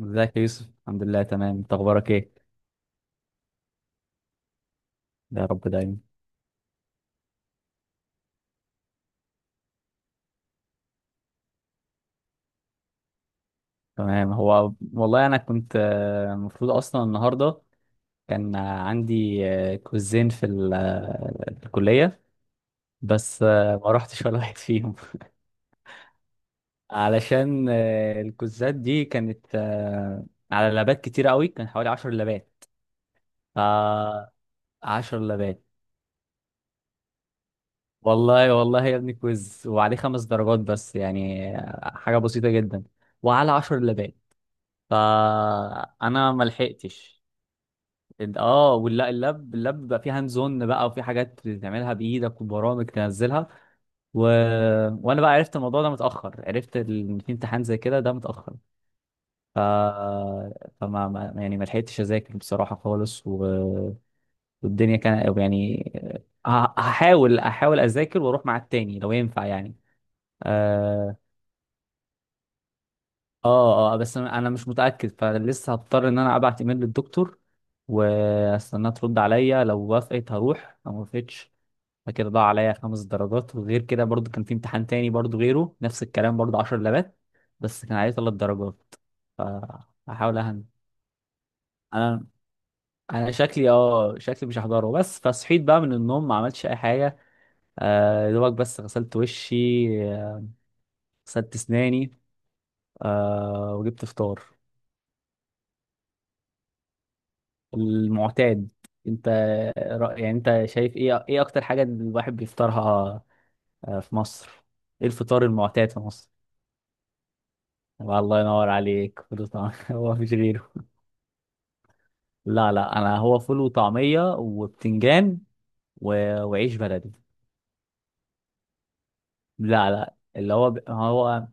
ازيك يا يوسف؟ الحمد لله تمام. انت اخبارك ايه؟ يا رب دايما. تمام. هو والله انا كنت المفروض اصلا النهارده كان عندي كوزين في الكليه. بس ما رحتش ولا واحد فيهم. علشان الكوزات دي كانت على لابات كتير قوي، كان حوالي 10 لابات. ف 10 لابات. والله والله يا ابني كويز وعليه 5 درجات، بس يعني حاجه بسيطه جدا، وعلى 10 لابات، فانا ما لحقتش. اه، ولا اللاب بقى فيه هاند زون، بقى وفي حاجات تعملها بايدك وبرامج تنزلها. و... وانا بقى عرفت الموضوع ده متاخر، عرفت ان في امتحان زي كده ده متاخر. ف... فما ما... يعني ما لحقتش اذاكر بصراحه خالص والدنيا كان يعني هحاول اذاكر واروح مع التاني لو ينفع يعني. آه، اه بس انا مش متاكد، فلسه هضطر ان انا ابعت ايميل للدكتور واستناها ترد عليا. لو وافقت هروح، لو ما وافقتش. فكده ضاع عليا 5 درجات. وغير كده برضو كان في امتحان تاني برضو غيره، نفس الكلام، برضو 10 لبات، بس كان عليه 3 درجات. فهحاول. انا انا شكلي مش هحضره. بس فصحيت بقى من النوم ما عملتش اي حاجه. يا دوبك بس غسلت وشي، آه، غسلت اسناني، وجبت فطار. المعتاد. انت يعني انت شايف ايه اكتر حاجة الواحد بيفطرها في مصر؟ ايه الفطار المعتاد في مصر؟ طب الله ينور عليك. فول وطعمية؟ هو مفيش غيره؟ لا لا، انا هو فول وطعمية وبتنجان و... وعيش بلدي. لا لا، اللي هو هو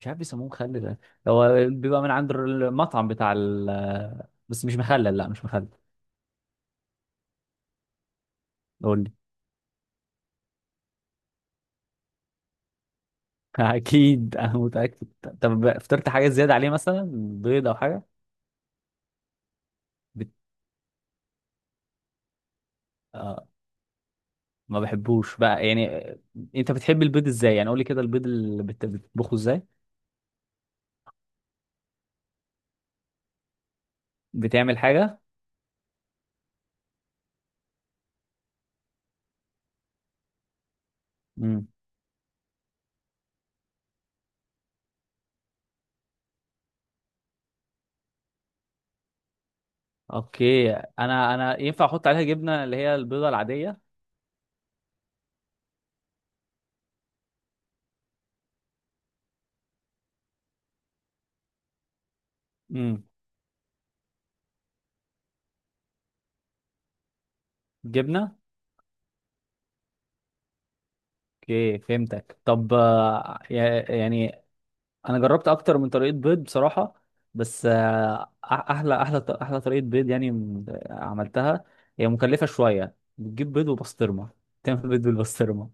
مش عارف بيسموه مخلل ده. هو بيبقى من عند المطعم بتاع بس مش مخلل، لا مش مخلل. قول لي. اكيد انا متأكد. طب فطرت حاجة زيادة عليه مثلا؟ بيض او حاجة؟ آه ما بحبوش بقى يعني. انت بتحب البيض ازاي يعني؟ قول لي كده البيض بتطبخه ازاي؟ بتعمل حاجه؟ امم. اوكي، انا ينفع احط عليها جبنه اللي هي البيضه العاديه؟ امم. جبنه. اوكي فهمتك. طب يعني انا جربت اكتر من طريقه بيض بصراحه، بس احلى طريقه بيض يعني عملتها، هي مكلفه شويه. بتجيب بيض وبسطرمه، تعمل بيض بالبسطرمه.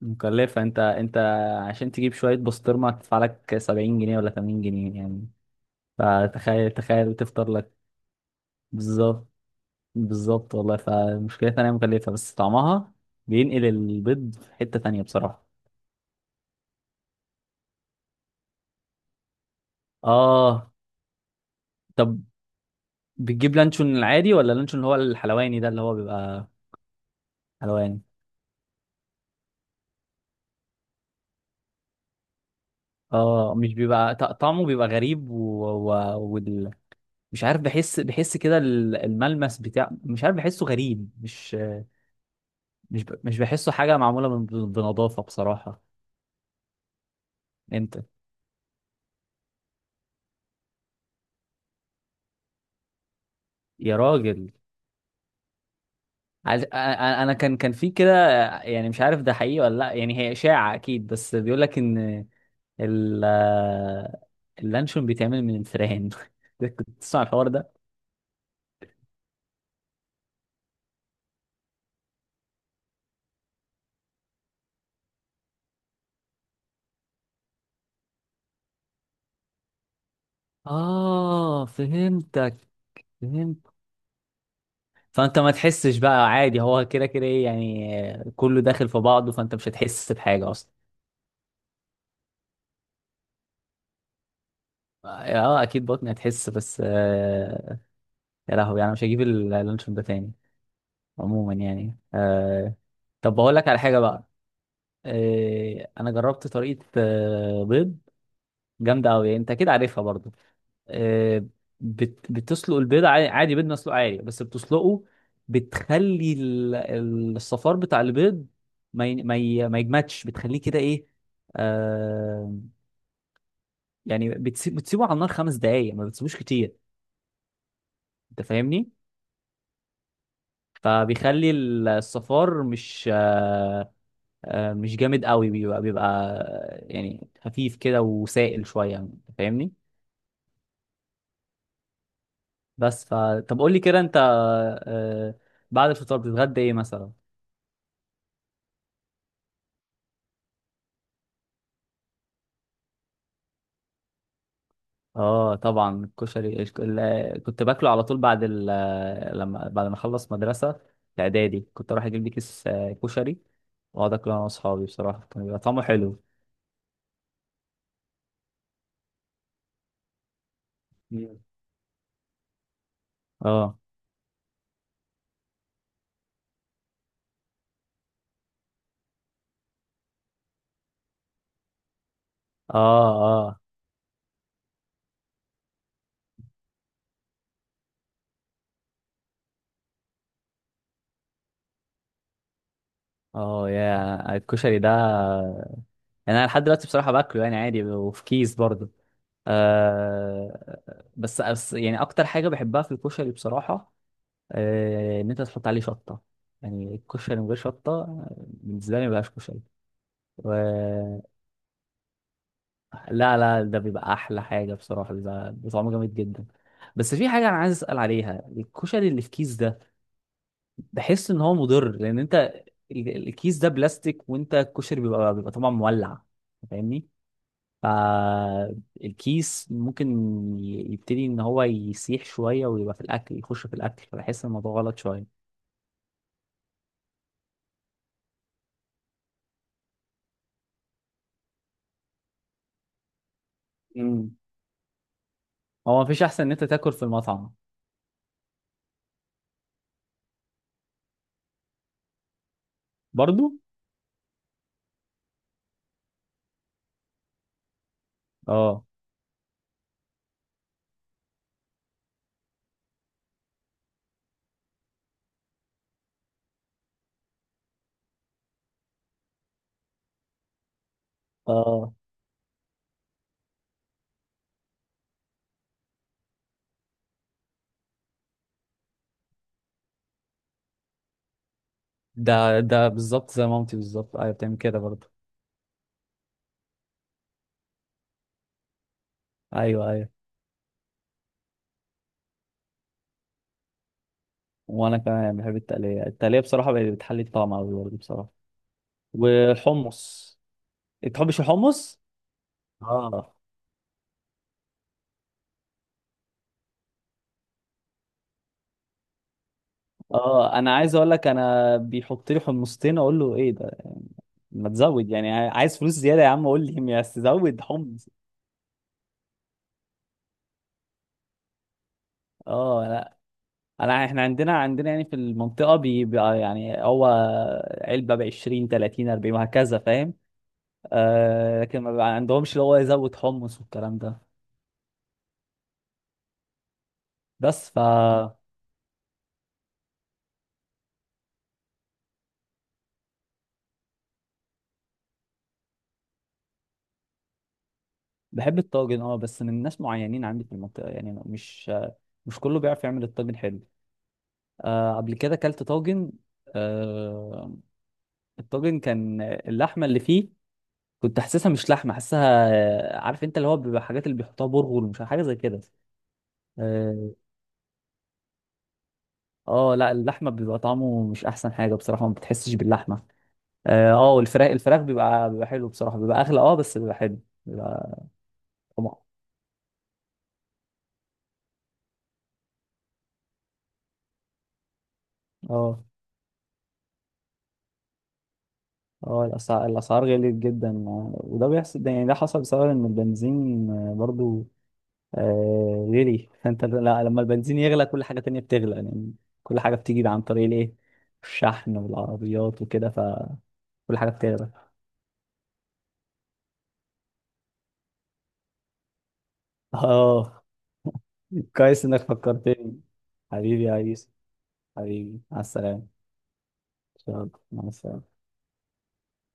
مكلفة. انت عشان تجيب شوية بسطرمة هتدفع لك 70 جنيه ولا 80 جنيه يعني. فتخيل تخيل تفطر لك. بالظبط. بالظبط والله، فمشكلتها انها مكلفة بس طعمها بينقل البيض في حتة تانية بصراحة. اه. طب بتجيب لانشون العادي ولا اللانشون اللي هو الحلواني ده اللي هو بيبقى؟ حلواني. اه، مش بيبقى طعمه بيبقى غريب و... وال... مش عارف، بحس كده الملمس بتاع، مش عارف بحسه غريب، مش بحسه حاجة معمولة بنظافة بصراحة. انت. يا راجل، انا كان في كده، يعني مش عارف ده حقيقي ولا لا، يعني هي إشاعة اكيد، بس بيقول لك ان ال... اللانشون بيتعمل من الفئران. كنت تسمع الحوار ده؟ اه فهمتك. فهمت. فانت ما تحسش بقى عادي، هو كده كده ايه يعني، كله داخل في بعضه، فانت مش هتحس بحاجة اصلا. اه، اكيد بطني هتحس، بس يا لهوي انا مش هجيب اللانشون ده تاني. عموما يعني. طب بقول لك على حاجه بقى. انا جربت طريقه بيض جامده قوي، انت اكيد عارفها برضو. آه بتسلق البيض عادي، عادي بيض مسلوق عادي بس بتسلقه، بتخلي الصفار بتاع البيض ما يجمدش، بتخليه كده ايه. آه يعني بتسيبه على النار 5 دقايق، ما بتسيبوش كتير. انت فاهمني؟ فبيخلي الصفار مش مش جامد قوي، بيبقى يعني خفيف كده وسائل شويه. أنت فاهمني؟ بس ف طب قول لي كده انت، آه، بعد الفطار بتتغدى ايه مثلا؟ اه طبعا الكشري، كنت باكله على طول بعد لما بعد ما اخلص مدرسه، في اعدادي كنت اروح اجيب لي كيس كشري، واقعد اكله انا واصحابي. بصراحه كان بيبقى طعمه حلو. مم. اه، اه، اه، اه. يا الكشري ده، يعني انا لحد دلوقتي بصراحه باكله يعني عادي، وفي كيس برضه. بس يعني اكتر حاجه بحبها في الكشري بصراحه، ان انت تحط عليه شطه. يعني الكشري من غير شطه بالنسبه لي ما بيبقاش كشري. و... لا لا، ده بيبقى احلى حاجه بصراحه، بيبقى طعمه جامد جدا. بس في حاجه انا عايز اسال عليها، الكشري اللي في كيس ده، بحس ان هو مضر. لان انت الكيس ده بلاستيك، وانت الكشري بيبقى طبعا مولع، فاهمني؟ فالكيس ممكن يبتدي ان هو يسيح شويه، ويبقى في الاكل يخش في الاكل، فبحس إن الموضوع غلط شويه. امم. هو مفيش احسن ان انت تاكل في المطعم. برضو. اه، اه. ده بالظبط زي مامتي بالظبط، ايوه بتعمل كده برضو. ايوه، ايوه. وانا كمان بحب التقليه، التقليه بصراحه بقت بتحلي الطعم قوي برضه بصراحه. والحمص. انت تحبش الحمص؟ اه، اه. انا عايز اقول لك، انا بيحط لي حمصتين، اقول له ايه ده يعني؟ ما تزود، يعني عايز فلوس زياده يا عم؟ قول لي، يا زود حمص. اه، لا، احنا عندنا يعني في المنطقه بيبقى يعني هو علبه ب 20 30 40 وهكذا، فاهم؟ لكن ما بيبقى عندهمش اللي هو يزود حمص والكلام ده. بس ف بحب الطاجن اه، بس من ناس معينين عندي في المنطقه، يعني مش كله بيعرف يعمل الطاجن حلو. قبل كده اكلت طاجن، آه، الطاجن كان اللحمه اللي فيه كنت حاسسها مش لحمه، حاسسها عارف انت اللي هو بيبقى حاجات اللي بيحطوها برغل، مش حاجه زي كده. اه، لا، اللحمه بيبقى طعمه مش احسن حاجه بصراحه، ما بتحسش باللحمه. اه، الفراخ بيبقى حلو بصراحه، بيبقى اغلى اه بس بيبقى حلو، بيبقى. طمع. اه، اه، الاسعار غليت جدا. وده بيحصل، ده يعني ده حصل بسبب ان البنزين برضو غلي. فانت لا، لما البنزين يغلى كل حاجه تانية بتغلى يعني. كل حاجه بتيجي عن طريق الايه، الشحن والعربيات وكده، فكل حاجه بتغلى. اه، كويس انك فكرتني. حبيبي يا عيسى. حبيبي على السلامه. إن شاء الله. مع السلامه.